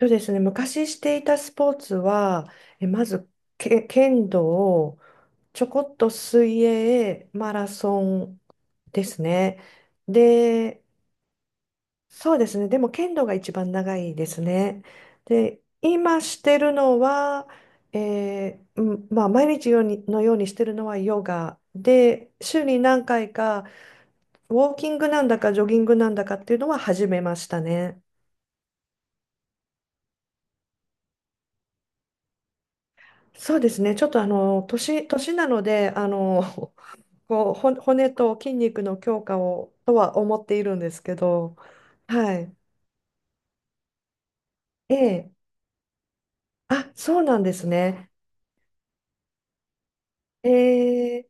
そうですね、昔していたスポーツは、えまずけ剣道、ちょこっと水泳、マラソンですね。で、そうですね、でも剣道が一番長いですね。で、今してるのは、毎日ようにしてるのはヨガで、週に何回かウォーキングなんだかジョギングなんだかっていうのは始めましたね。そうですね。ちょっと年なので、こう、骨と筋肉の強化をとは思っているんですけど、はい。ええ。あ、そうなんですね。ええ、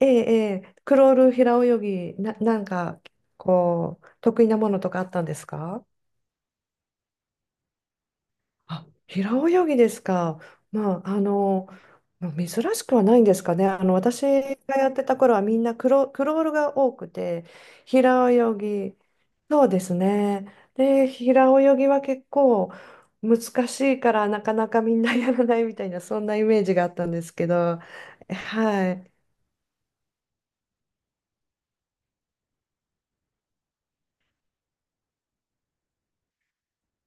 ええ、ええクロール平泳ぎ、なんか、こう、得意なものとかあったんですか？あ、平泳ぎですか。まあ、あの、まあしくはないんですかね。あの、私がやってた頃はみんなクロールが多くて、平泳ぎ、そうですね。で、平泳ぎは結構難しいからなかなかみんなやらないみたいな、そんなイメージがあったんですけど、はい。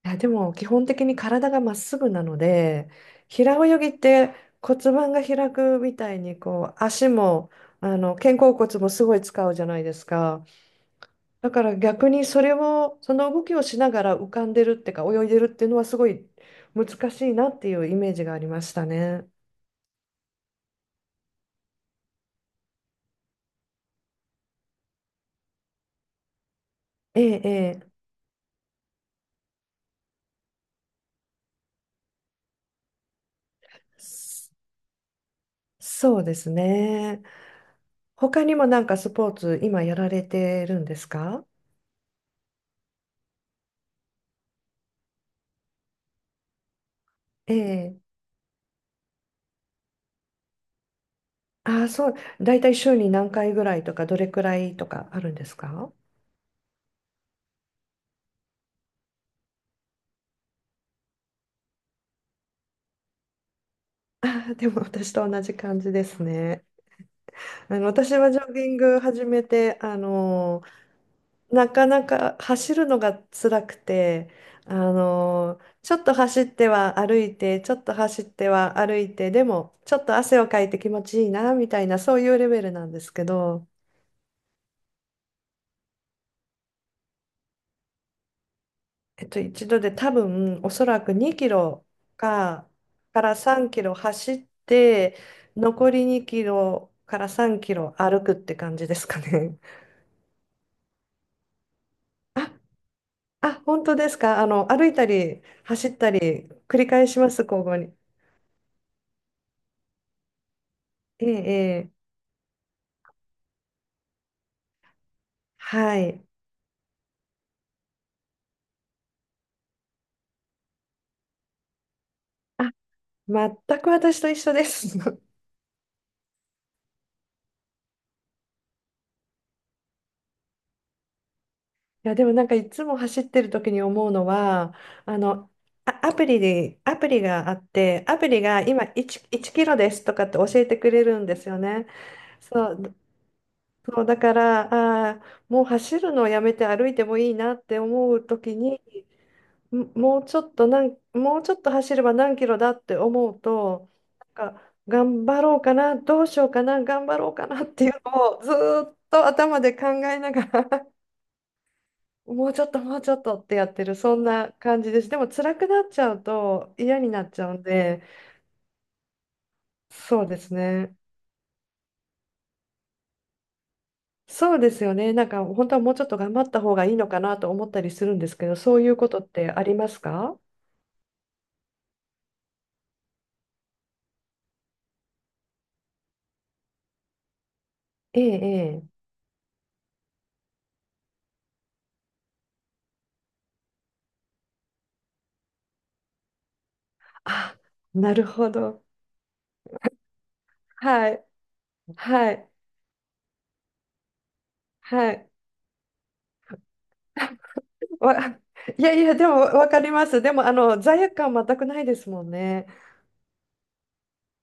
いや、でも基本的に体がまっすぐなので、平泳ぎって骨盤が開くみたいにこう足も、あの肩甲骨もすごい使うじゃないですか。だから逆にそれをその動きをしながら浮かんでるってか泳いでるっていうのはすごい難しいなっていうイメージがありましたね。ええ、ええ、そそうですね。他にもなんかスポーツ今やられてるんですか？ええ、ああ、そう。だいたい週に何回ぐらいとか、どれくらいとかあるんですか？ああ、でも私と同じ感じですね。あの、私はジョギング始めて、あのなかなか走るのが辛くて、あのちょっと走っては歩いて、ちょっと走っては歩いて、でも、ちょっと汗をかいて気持ちいいな、みたいな、そういうレベルなんですけど、えっと、一度で多分おそらく2キロか、から3キロ走って残り2キロから3キロ歩くって感じですかね。あ、あ、本当ですか。あの歩いたり走ったり繰り返します、交互に。ええ、ええ、はい。あ、全く私と一緒です。いやでもなんかいつも走ってる時に思うのは、あのアプリがあってアプリが今1キロですとかって教えてくれるんですよね。そうそうだから、あーもう走るのをやめて歩いてもいいなって思う時に、うちょっとなんもうちょっと走れば何キロだって思うと、なんか頑張ろうかなどうしようかな頑張ろうかなっていうのをずーっと頭で考えながらもうちょっとってやってる、そんな感じです。でも辛くなっちゃうと嫌になっちゃうんで、そうですね。そうですよね。なんか本当はもうちょっと頑張った方がいいのかなと思ったりするんですけど、そういうことってありますか？ええ、ええ。あ、なるほど。はい、はい、はい。わ、いやいや、でもわかります。でもあの罪悪感全くないですもんね。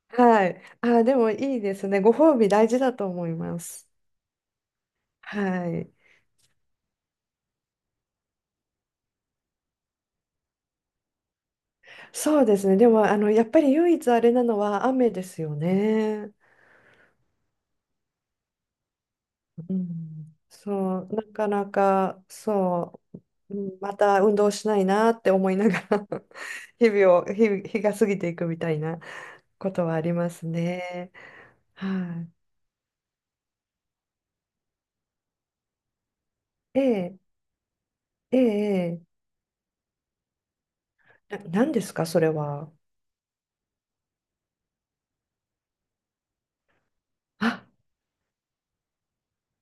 はい。あ、でもいいですね。ご褒美大事だと思います。はい。そうですね。でも、あの、やっぱり唯一あれなのは雨ですよね。うん。そう、なかなか、そう、うんまた運動しないなって思いながら 日々を、日が過ぎていくみたいなことはありますね。はい、え、ええ、ええな、何ですか、それは。あ、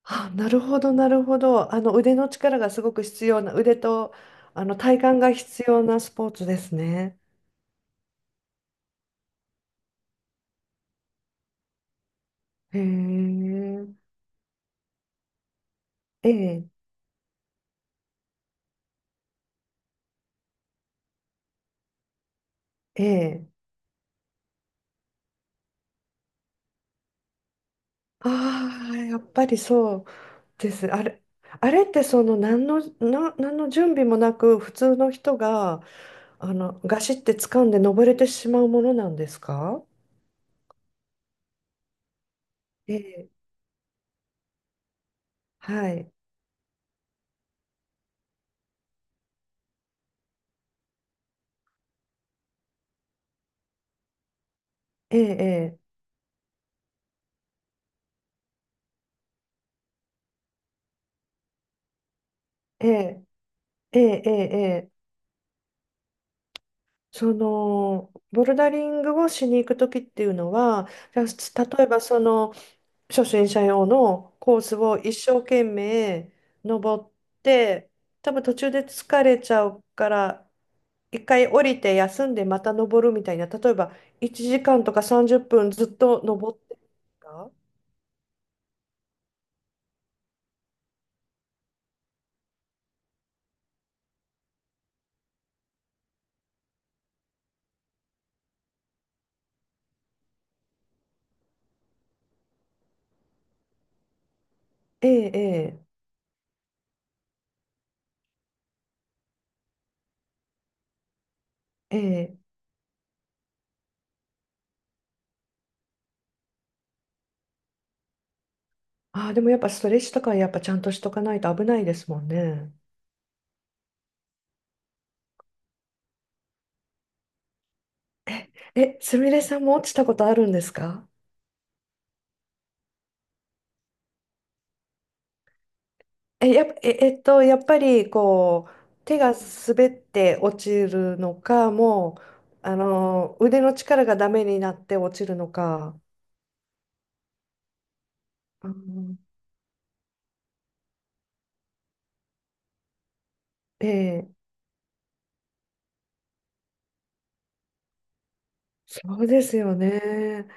なるほど、なるほど。あの、腕の力がすごく必要な、腕と、あの、体幹が必要なスポーツですね。へえ。ええ、ええ。ああ、やっぱりそうです。あれ、あれってその何の準備もなく普通の人があのガシって掴んで登れてしまうものなんですか？ええ。はい。ええ、ええ、ええ、ええ、ええ。そのボルダリングをしに行くときっていうのは、じゃあ例えばその初心者用のコースを一生懸命登って、多分途中で疲れちゃうから、一回降りて休んでまた登るみたいな、例えば1時間とか30分ずっと登ってるか？ええ、ええ、ええ。ああ、でもやっぱストレッチとかやっぱちゃんとしとかないと危ないですもんね。え、すみれさんも落ちたことあるんですか？え、やっぱ、えっと、やっぱりこう手が滑って落ちるのか、もうあの腕の力がダメになって落ちるのか。うん、ええ、そうですよね。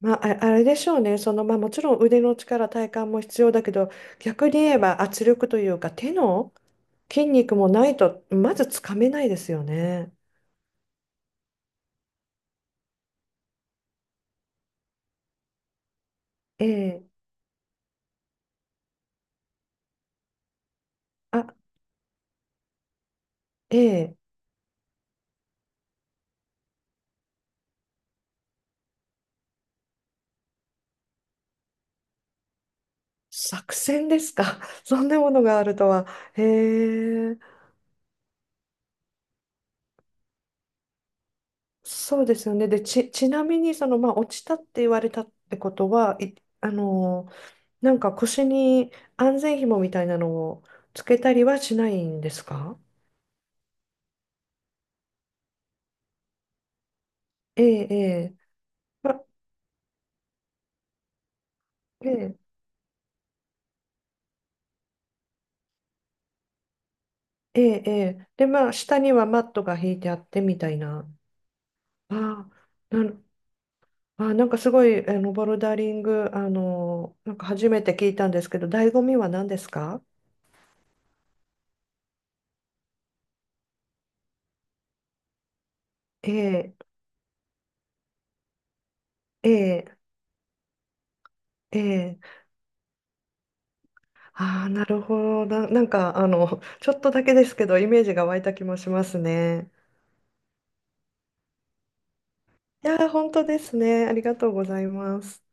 まあ、れでしょうね。その、まあ、もちろん腕の力、体幹も必要だけど、逆に言えば圧力というか手の筋肉もないとまずつかめないですよね。ええ、あ、ええ、作戦ですか。そんなものがあるとは。へえ。そうですよね。で、ちなみに、その、まあ、落ちたって言われたってことは、あのー、なんか腰に安全紐みたいなのをつけたりはしないんですか？ええ、ええ、ま、ええ、ええで、まあ、下にはマットが引いてあってみたいな。ああ、あ、なんかすごい、あの、ボルダリング、あのー、なんか初めて聞いたんですけど、醍醐味は何ですか？ええ、ええ、ええ。ああ、なるほど。なんか、あの、ちょっとだけですけど、イメージが湧いた気もしますね。いやー、本当ですね。ありがとうございます。